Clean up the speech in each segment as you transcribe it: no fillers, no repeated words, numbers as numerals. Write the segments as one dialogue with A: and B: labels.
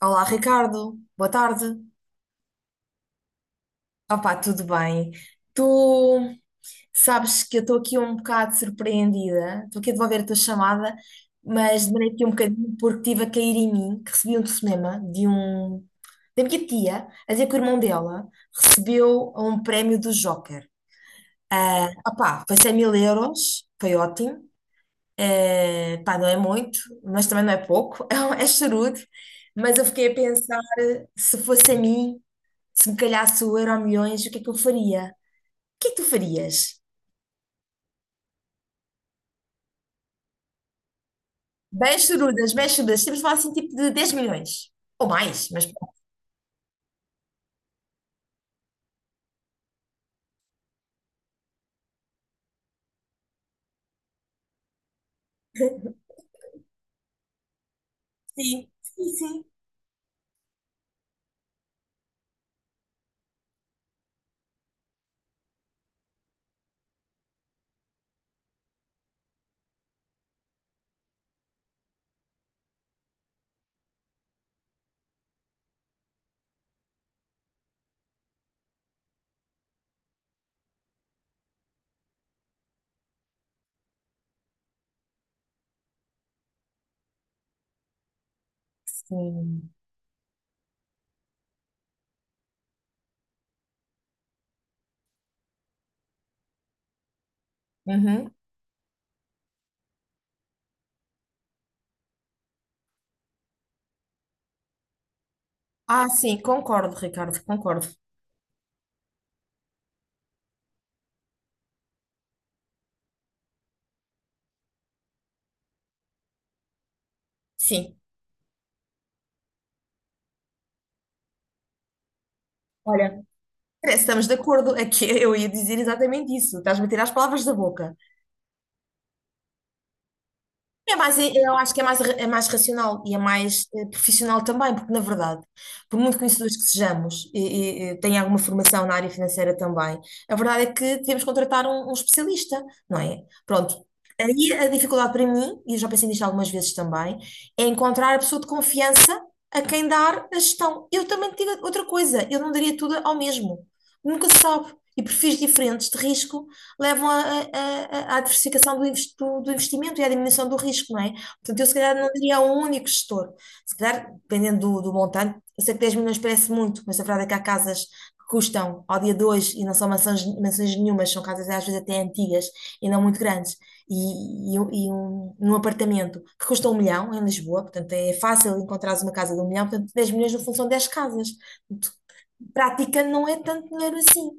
A: Olá, Ricardo. Boa tarde. Opa, tudo bem? Tu sabes que eu estou aqui um bocado surpreendida. Estou aqui a devolver a tua chamada, mas demorei aqui um bocadinho porque estive a cair em mim, que recebi um telefonema de um da minha tia, a dizer que o irmão dela recebeu um prémio do Joker. Ah, opa, foi 100 mil euros, foi ótimo. Eh, pá, não é muito, mas também não é pouco, é charudo. Mas eu fiquei a pensar, se fosse a mim, se me calhasse o Euro Milhões, o que é que eu faria? O que é que tu farias? Bem chorudas, bem chorudas. Temos de falar assim, tipo de 10 milhões. Ou mais, mas pronto. Sim, sim, sim. Sim. Uhum. Ah, sim, concordo, Ricardo, concordo. Sim. Olha, parece que estamos de acordo. Aqui eu ia dizer exatamente isso. Estás-me a tirar as palavras da boca. É mais, eu acho que é mais racional e é mais profissional também, porque na verdade, por muito conhecedores que sejamos e tenha alguma formação na área financeira também, a verdade é que devemos contratar um especialista, não é? Pronto. Aí a dificuldade para mim, e eu já pensei nisto algumas vezes também, é encontrar a pessoa de confiança a quem dar a gestão. Eu também te digo outra coisa, eu não daria tudo ao mesmo. Nunca se sabe. E perfis diferentes de risco levam a- à diversificação do investimento e à diminuição do risco, não é? Portanto, eu se calhar não diria a um único gestor. Se calhar, dependendo do montante, eu sei que 10 milhões parece muito, mas a verdade é que há casas que custam ao dia de hoje e não são mansões, mansões nenhumas, são casas às vezes até antigas e não muito grandes. Um apartamento que custa um milhão em Lisboa, portanto é fácil encontrares uma casa de um milhão, portanto 10 milhões no fundo são 10 casas. Portanto, praticando não é tanto dinheiro assim.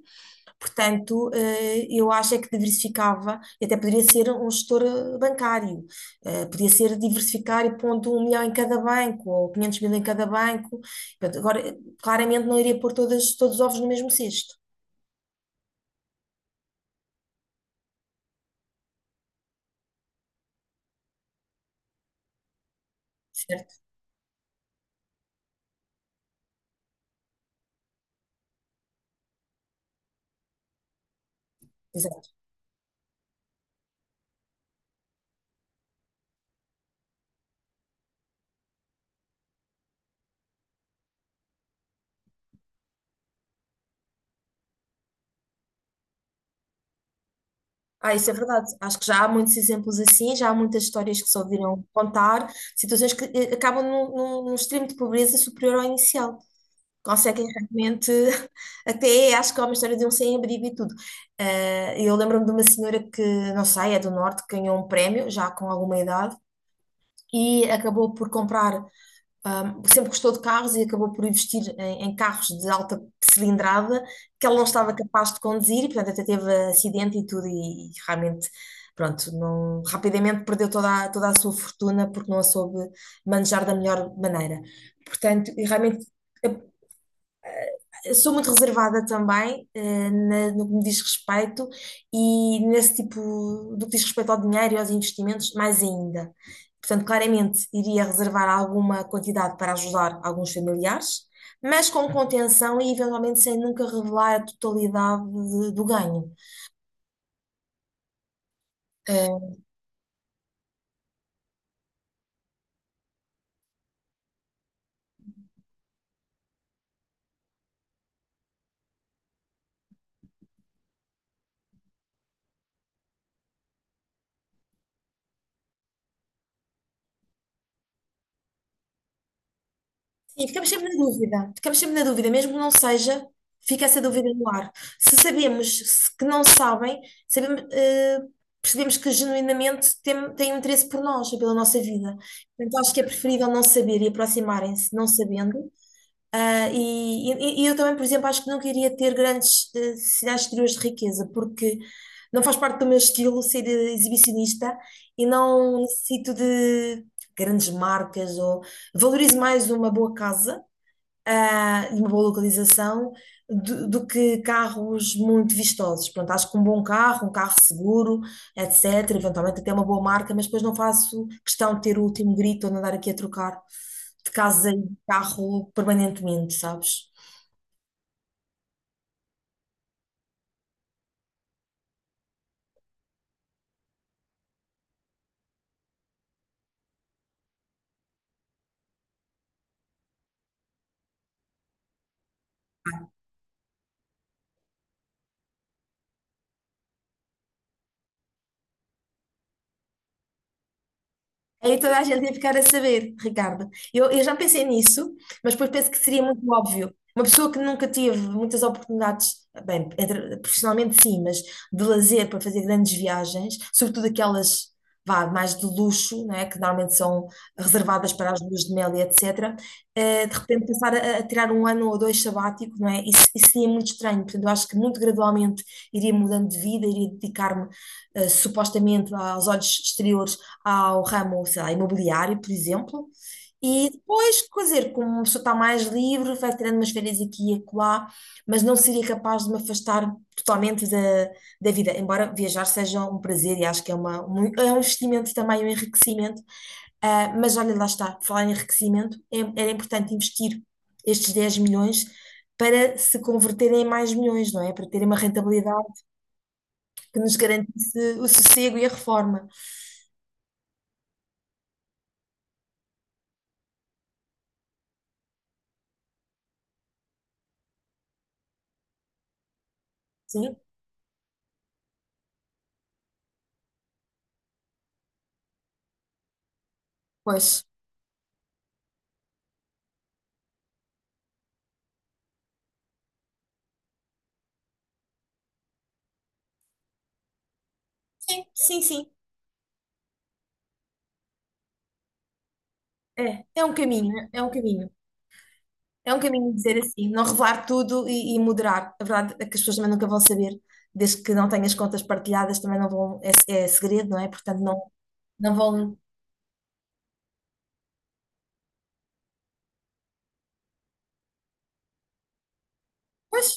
A: Portanto, eu acho é que diversificava, e até poderia ser um gestor bancário. Podia ser diversificar e pondo um milhão em cada banco, ou 500 mil em cada banco. Portanto, agora, claramente não iria pôr todas, todos os ovos no mesmo cesto, certo? Exato. Ah, isso é verdade. Acho que já há muitos exemplos assim, já há muitas histórias que se ouviram contar, situações que acabam num extremo de pobreza superior ao inicial. Conseguem realmente, até acho que há uma história de um sem-abrigo e tudo. Eu lembro-me de uma senhora que, não sei, é do Norte, que ganhou um prémio, já com alguma idade, e acabou por comprar, sempre gostou de carros e acabou por investir em carros de alta cilindrada que ela não estava capaz de conduzir, e portanto até teve acidente e tudo, e, realmente, pronto, não, rapidamente perdeu toda a sua fortuna porque não a soube manejar da melhor maneira. Portanto, e realmente sou muito reservada também, no que me diz respeito e nesse tipo, do que diz respeito ao dinheiro e aos investimentos, mais ainda. Portanto, claramente iria reservar alguma quantidade para ajudar alguns familiares, mas com contenção e eventualmente sem nunca revelar a totalidade do ganho. Eh, Sim, ficamos sempre na dúvida. Ficamos sempre na dúvida, mesmo que não seja, fica essa dúvida no ar. Se sabemos que não sabem, sabemos, percebemos que genuinamente têm um interesse por nós e pela nossa vida. Portanto, acho que é preferível não saber e aproximarem-se não sabendo. Ah, e eu também, por exemplo, acho que não queria ter grandes sinais exteriores de riqueza, porque não faz parte do meu estilo ser exibicionista e não necessito de grandes marcas ou valorizo mais uma boa casa de uma boa localização do que carros muito vistosos. Pronto, acho que um bom carro, um carro seguro, etc. Eventualmente até uma boa marca, mas depois não faço questão de ter o último grito ou de andar aqui a trocar de casa e de carro permanentemente, sabes? Aí toda a gente ia ficar a saber, Ricardo. Eu já pensei nisso, mas depois penso que seria muito óbvio. Uma pessoa que nunca teve muitas oportunidades, bem, profissionalmente sim, mas de lazer para fazer grandes viagens, sobretudo aquelas, vá, mais de luxo, não é? Que normalmente são reservadas para as luas de mel e etc. De repente passar a tirar um ano ou dois sabático, não é? Isso seria muito estranho. Portanto, eu acho que muito gradualmente iria mudando de vida, iria dedicar-me supostamente aos olhos exteriores ao ramo, sei lá, imobiliário, por exemplo. E depois, quer dizer, como uma pessoa está mais livre, vai tirando umas férias aqui e acolá, mas não seria capaz de me afastar totalmente da vida, embora viajar seja um prazer e acho que é um investimento também, um enriquecimento. Ah, mas olha, lá está, falar em enriquecimento, era importante investir estes 10 milhões para se converterem em mais milhões, não é? Para terem uma rentabilidade que nos garantisse o sossego e a reforma. Sim, pois. Sim, sim, sim. É, é um caminho, é um caminho. É um caminho dizer assim, não revelar tudo e moderar. A verdade é que as pessoas também nunca vão saber, desde que não tenhas contas partilhadas, também não vão, é segredo, não é? Portanto, não, não vão. Pois,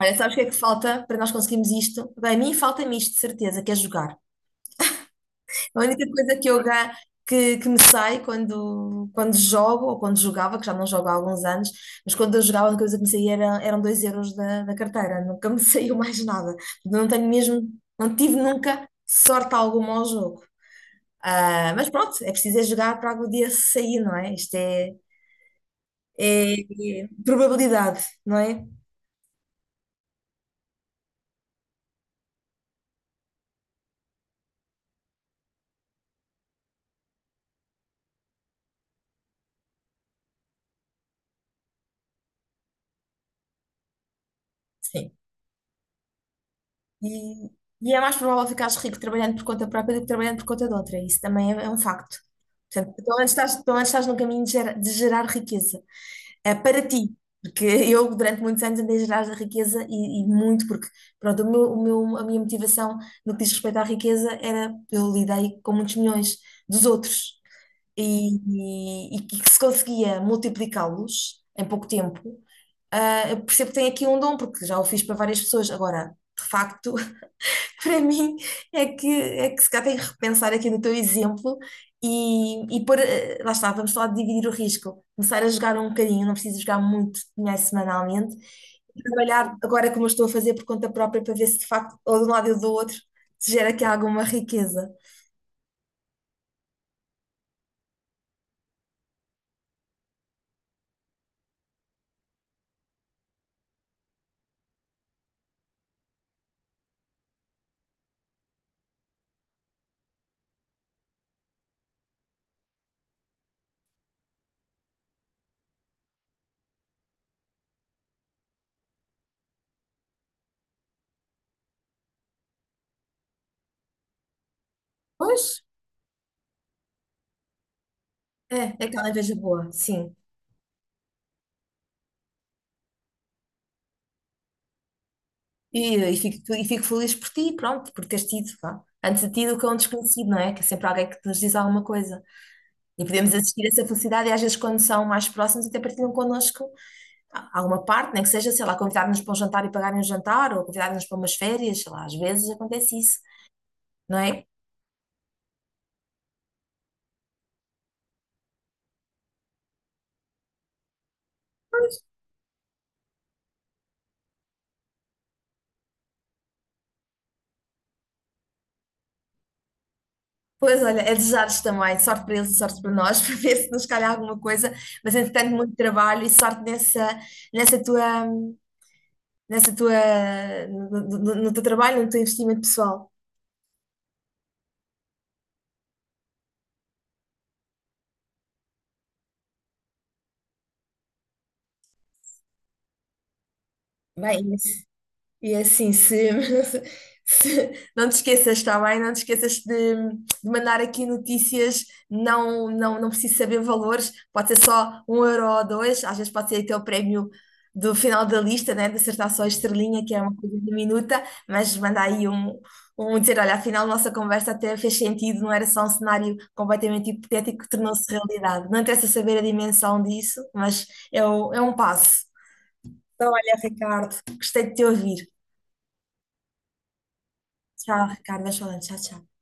A: olha, sabes o que é que falta para nós conseguirmos isto? Bem, a mim falta-me isto, de certeza, que é jogar. A única coisa que eu que me sai quando jogo, ou quando jogava, que já não jogo há alguns anos, mas quando eu jogava, a única coisa que me saía era, eram 2 euros da carteira, nunca me saiu mais nada. Não tenho mesmo, não tive nunca sorte alguma ao jogo. Ah, mas pronto, é preciso é jogar para algum dia sair, não é? Isto é, é é probabilidade, não é? Sim. E, e é mais provável ficares rico trabalhando por conta própria do que trabalhando por conta de outra. Isso também é um facto. Portanto, pelo menos estás no caminho de gerar, riqueza. É para ti. Porque eu, durante muitos anos, andei a gerar a riqueza e muito, porque, pronto, a minha motivação no que diz respeito à riqueza era, eu lidei com muitos milhões dos outros. E, e que se conseguia multiplicá-los em pouco tempo, eu percebo que tem aqui um dom, porque já o fiz para várias pessoas. Agora, de facto, para mim é que, se calhar tem que repensar aqui no teu exemplo e pôr, lá está, vamos falar dividir o risco, começar a jogar um bocadinho, não preciso jogar muito dinheiro semanalmente, trabalhar agora como eu estou a fazer por conta própria para ver se de facto, ou de um lado ou do outro, se gera aqui alguma riqueza. Pois, é aquela inveja boa, sim. E fico feliz por ti, pronto, por teres tido, vá. Antes de ti do que é um desconhecido, não é? Que é sempre alguém que nos diz alguma coisa. E podemos assistir essa felicidade e às vezes quando são mais próximos até partilham connosco alguma parte, nem que seja, sei lá, convidar-nos para um jantar e pagarem um jantar, ou convidar-nos para umas férias, sei lá, às vezes acontece isso, não é? Pois olha, é desejar-vos também sorte para eles e sorte para nós, para ver se nos calha alguma coisa, mas entretanto muito trabalho e sorte nessa, nessa tua, nessa tua, no- no- no teu trabalho, no teu investimento pessoal. Bem, e é assim, se, se não te esqueças, está bem? Não te esqueças de mandar aqui notícias, não, não, não preciso saber valores, pode ser só um euro ou dois, às vezes pode ser até o prémio do final da lista, né? De acertar só a estrelinha, que é uma coisa diminuta, mas manda aí um dizer, olha, afinal nossa conversa até fez sentido, não era só um cenário completamente hipotético que tornou-se realidade. Não interessa saber a dimensão disso, mas é um passo. Então, olha, Ricardo, gostei de te ouvir. Tchau, Ricardo. Vais falando. Tchau, tchau.